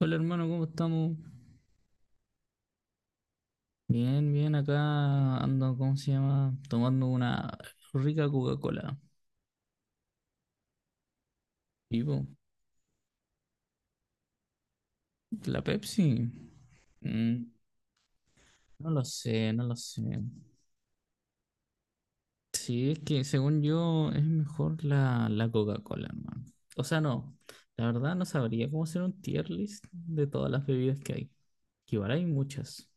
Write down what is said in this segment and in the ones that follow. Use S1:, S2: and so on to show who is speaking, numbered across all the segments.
S1: Hola hermano, ¿cómo estamos? Bien, bien, acá ando, ¿cómo se llama? Tomando una rica Coca-Cola. ¿Y vos? ¿La Pepsi? Mm, no lo sé, no lo sé. Sí, es que según yo es mejor la Coca-Cola, hermano. O sea, no, la verdad no sabría cómo hacer un tier list de todas las bebidas que hay. Que igual hay muchas.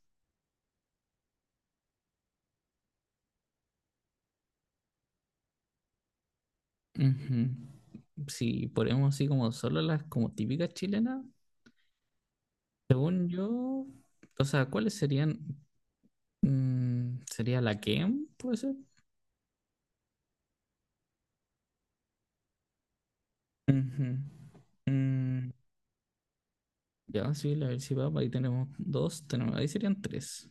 S1: Ujú. Si ponemos así como solo las como típicas chilenas, según yo, o sea, ¿cuáles serían? Mm, ¿sería la Kem? ¿Puede ser? Ujú. Mm, Ya, sí, la Pepsi Papa, ahí tenemos dos, tenemos, ahí serían tres.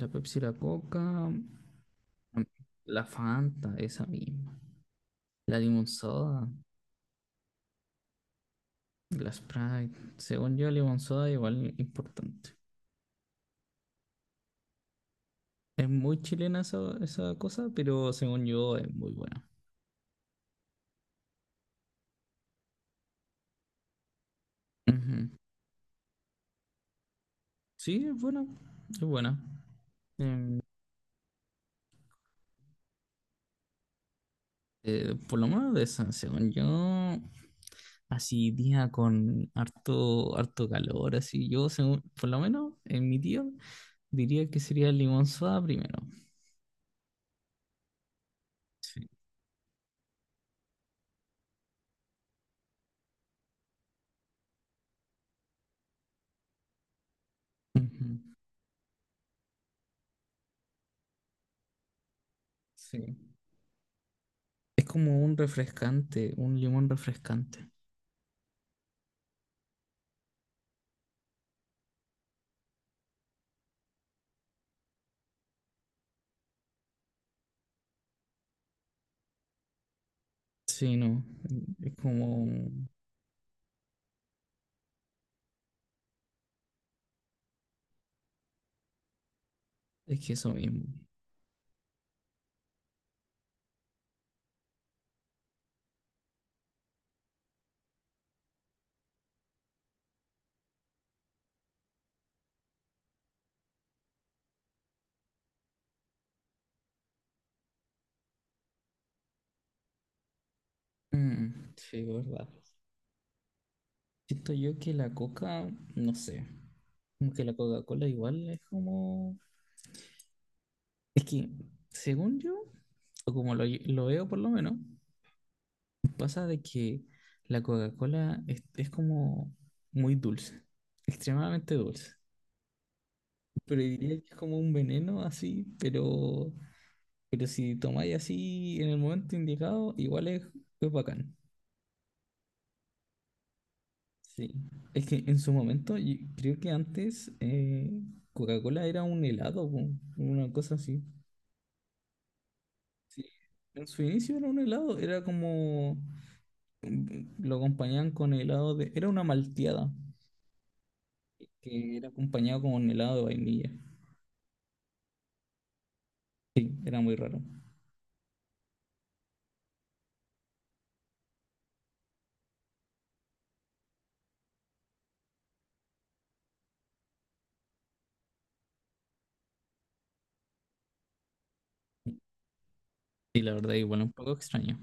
S1: La Pepsi, la Coca, mm, la Fanta, esa misma. La Limon Soda, la Sprite. Según yo, Limon Soda igual importante. Es muy chilena esa, esa cosa, pero según yo es muy buena. Ujú. Sí, es buena, es buena. Em, por lo menos de esa, según yo, así día con harto, harto calor, así yo, según, por lo menos en mi tío, diría que sería el limón soda primero. Sí. Ujú. Sí. Es como un refrescante, un limón refrescante. Sí, no, es como, es que eso mismo. Mm, sí, verdad. Siento yo que la coca, no sé, como que la Coca-Cola igual es como... Es que, según yo, o como lo veo por lo menos, pasa de que la Coca-Cola es como muy dulce, extremadamente dulce. Pero diría que es como un veneno así, pero si tomáis así en el momento indicado, igual es bacán. Sí. Es que en su momento, yo creo que antes Coca-Cola era un helado, po, una cosa así. Sí. En su inicio era un helado, era como lo acompañaban con helado de... Era una malteada, que era acompañado con helado de vainilla. Sí, era muy raro. Sí, la verdad, igual un poco extraño.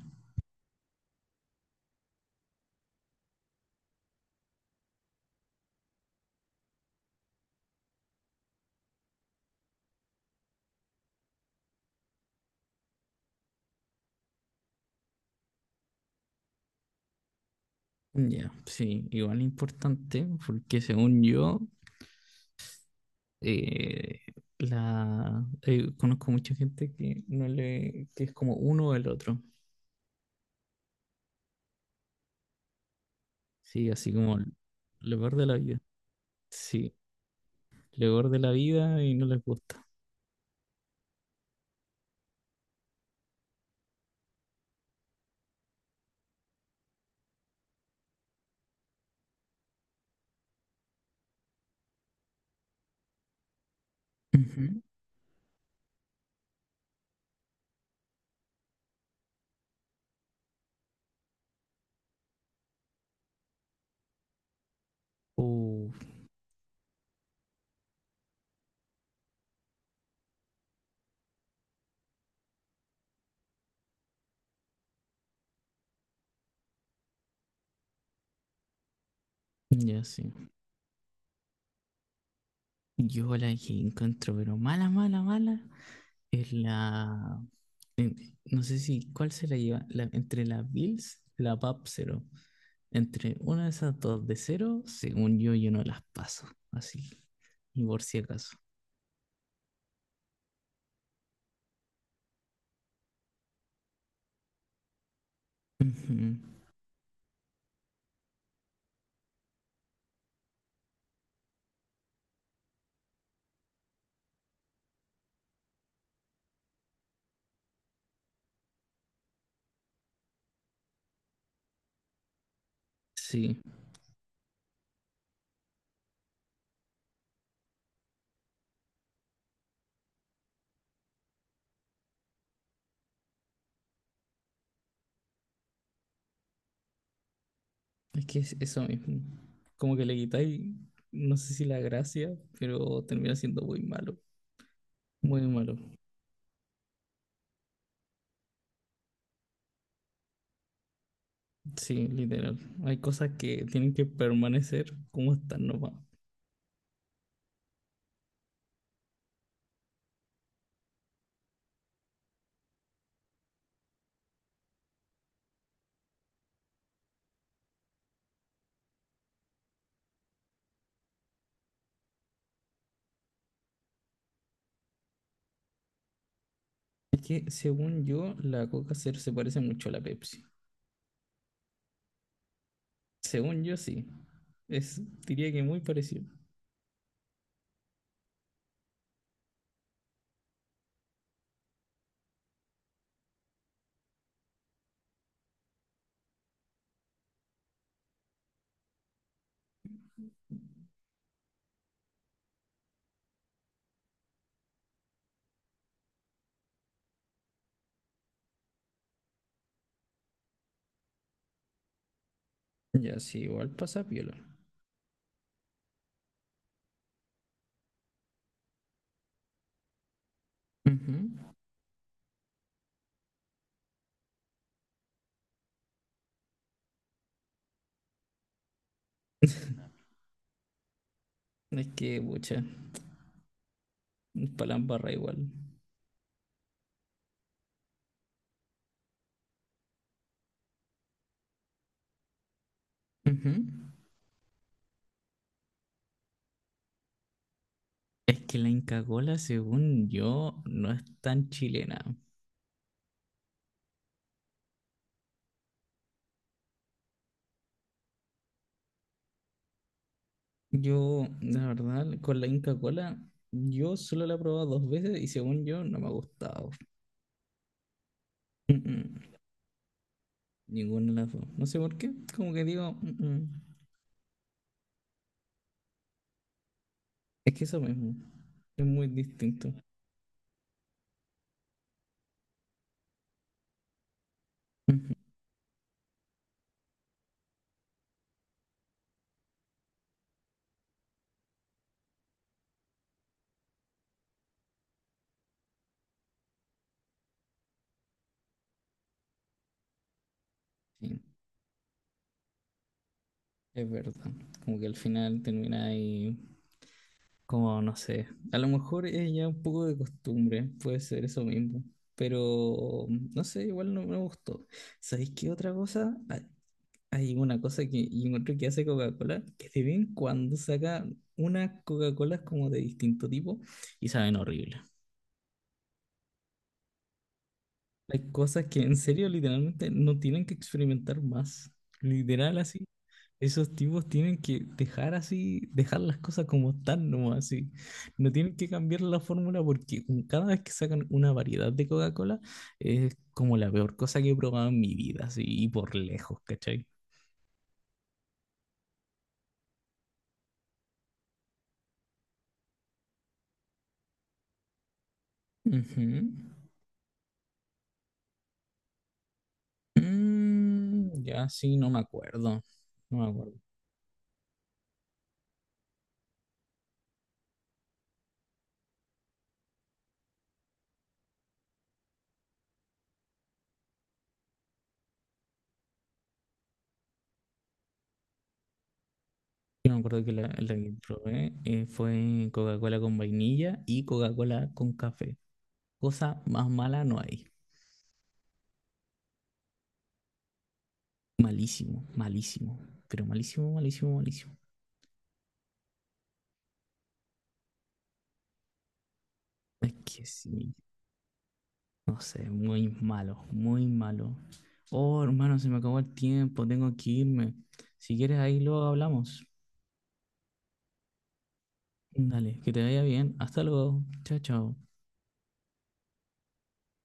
S1: Ya, sí, igual importante, porque según yo, eh, la conozco mucha gente que no le, que es como uno o el otro. Sí, así como lo peor de la vida. Sí, lo peor de la vida y no les gusta. Ujú. Uh, ya sí. Yo la que encuentro, pero mala, mala, mala. Es la. En- no sé si. ¿Cuál se la lleva? La- entre la Bills, la PAP cero. Entre una de esas dos de cero, según yo, yo no las paso. Así. Y por si acaso. Ujú. Sí. Es que es eso mismo. Como que le quitáis. No sé si la gracia, pero termina siendo muy malo. Muy malo. Sí, literal. Hay cosas que tienen que permanecer como están nomás. Es que, según yo, la Coca Cero se parece mucho a la Pepsi. Según yo, sí. Es, diría que muy parecido. Ya, sí, igual pasa piola. Ujú. Es que, pucha, palambarra igual. Ujú. Es que la Inca Kola, según yo, no es tan chilena. Yo, la verdad, con la Inca Kola, yo solo la he probado dos veces y según yo, no me ha gustado. Mm-mm. Ninguna de las dos. No sé por qué, como que digo, "Mm-mm". Es que eso mismo, es muy distinto. Ujú. Sí. Es verdad, como que al final termina ahí, como no sé, a lo mejor es ya un poco de costumbre, puede ser eso mismo, pero no sé, igual no me gustó. ¿Sabéis qué otra cosa? Hay hay una cosa que yo encuentro que hace Coca-Cola, que de vez en cuando saca unas Coca-Colas como de distinto tipo y saben horrible. Hay cosas que en serio literalmente no tienen que experimentar más. Literal así, esos tipos tienen que dejar así, dejar las cosas como están nomás, así. No tienen que cambiar la fórmula porque cada vez que sacan una variedad de Coca-Cola es como la peor cosa que he probado en mi vida, así, y por lejos, ¿cachai? Ujú. Mm, ya sí, no me acuerdo. No me acuerdo. Yo me acuerdo que la que probé fue Coca-Cola con vainilla y Coca-Cola con café. Cosa más mala no hay. Malísimo, malísimo. Pero malísimo, malísimo, malísimo. Es que sí, no sé, muy malo, muy malo. Oh, hermano, se me acabó el tiempo, tengo que irme. Si quieres, ahí luego hablamos. Dale, que te vaya bien. Hasta luego. Chao, chao.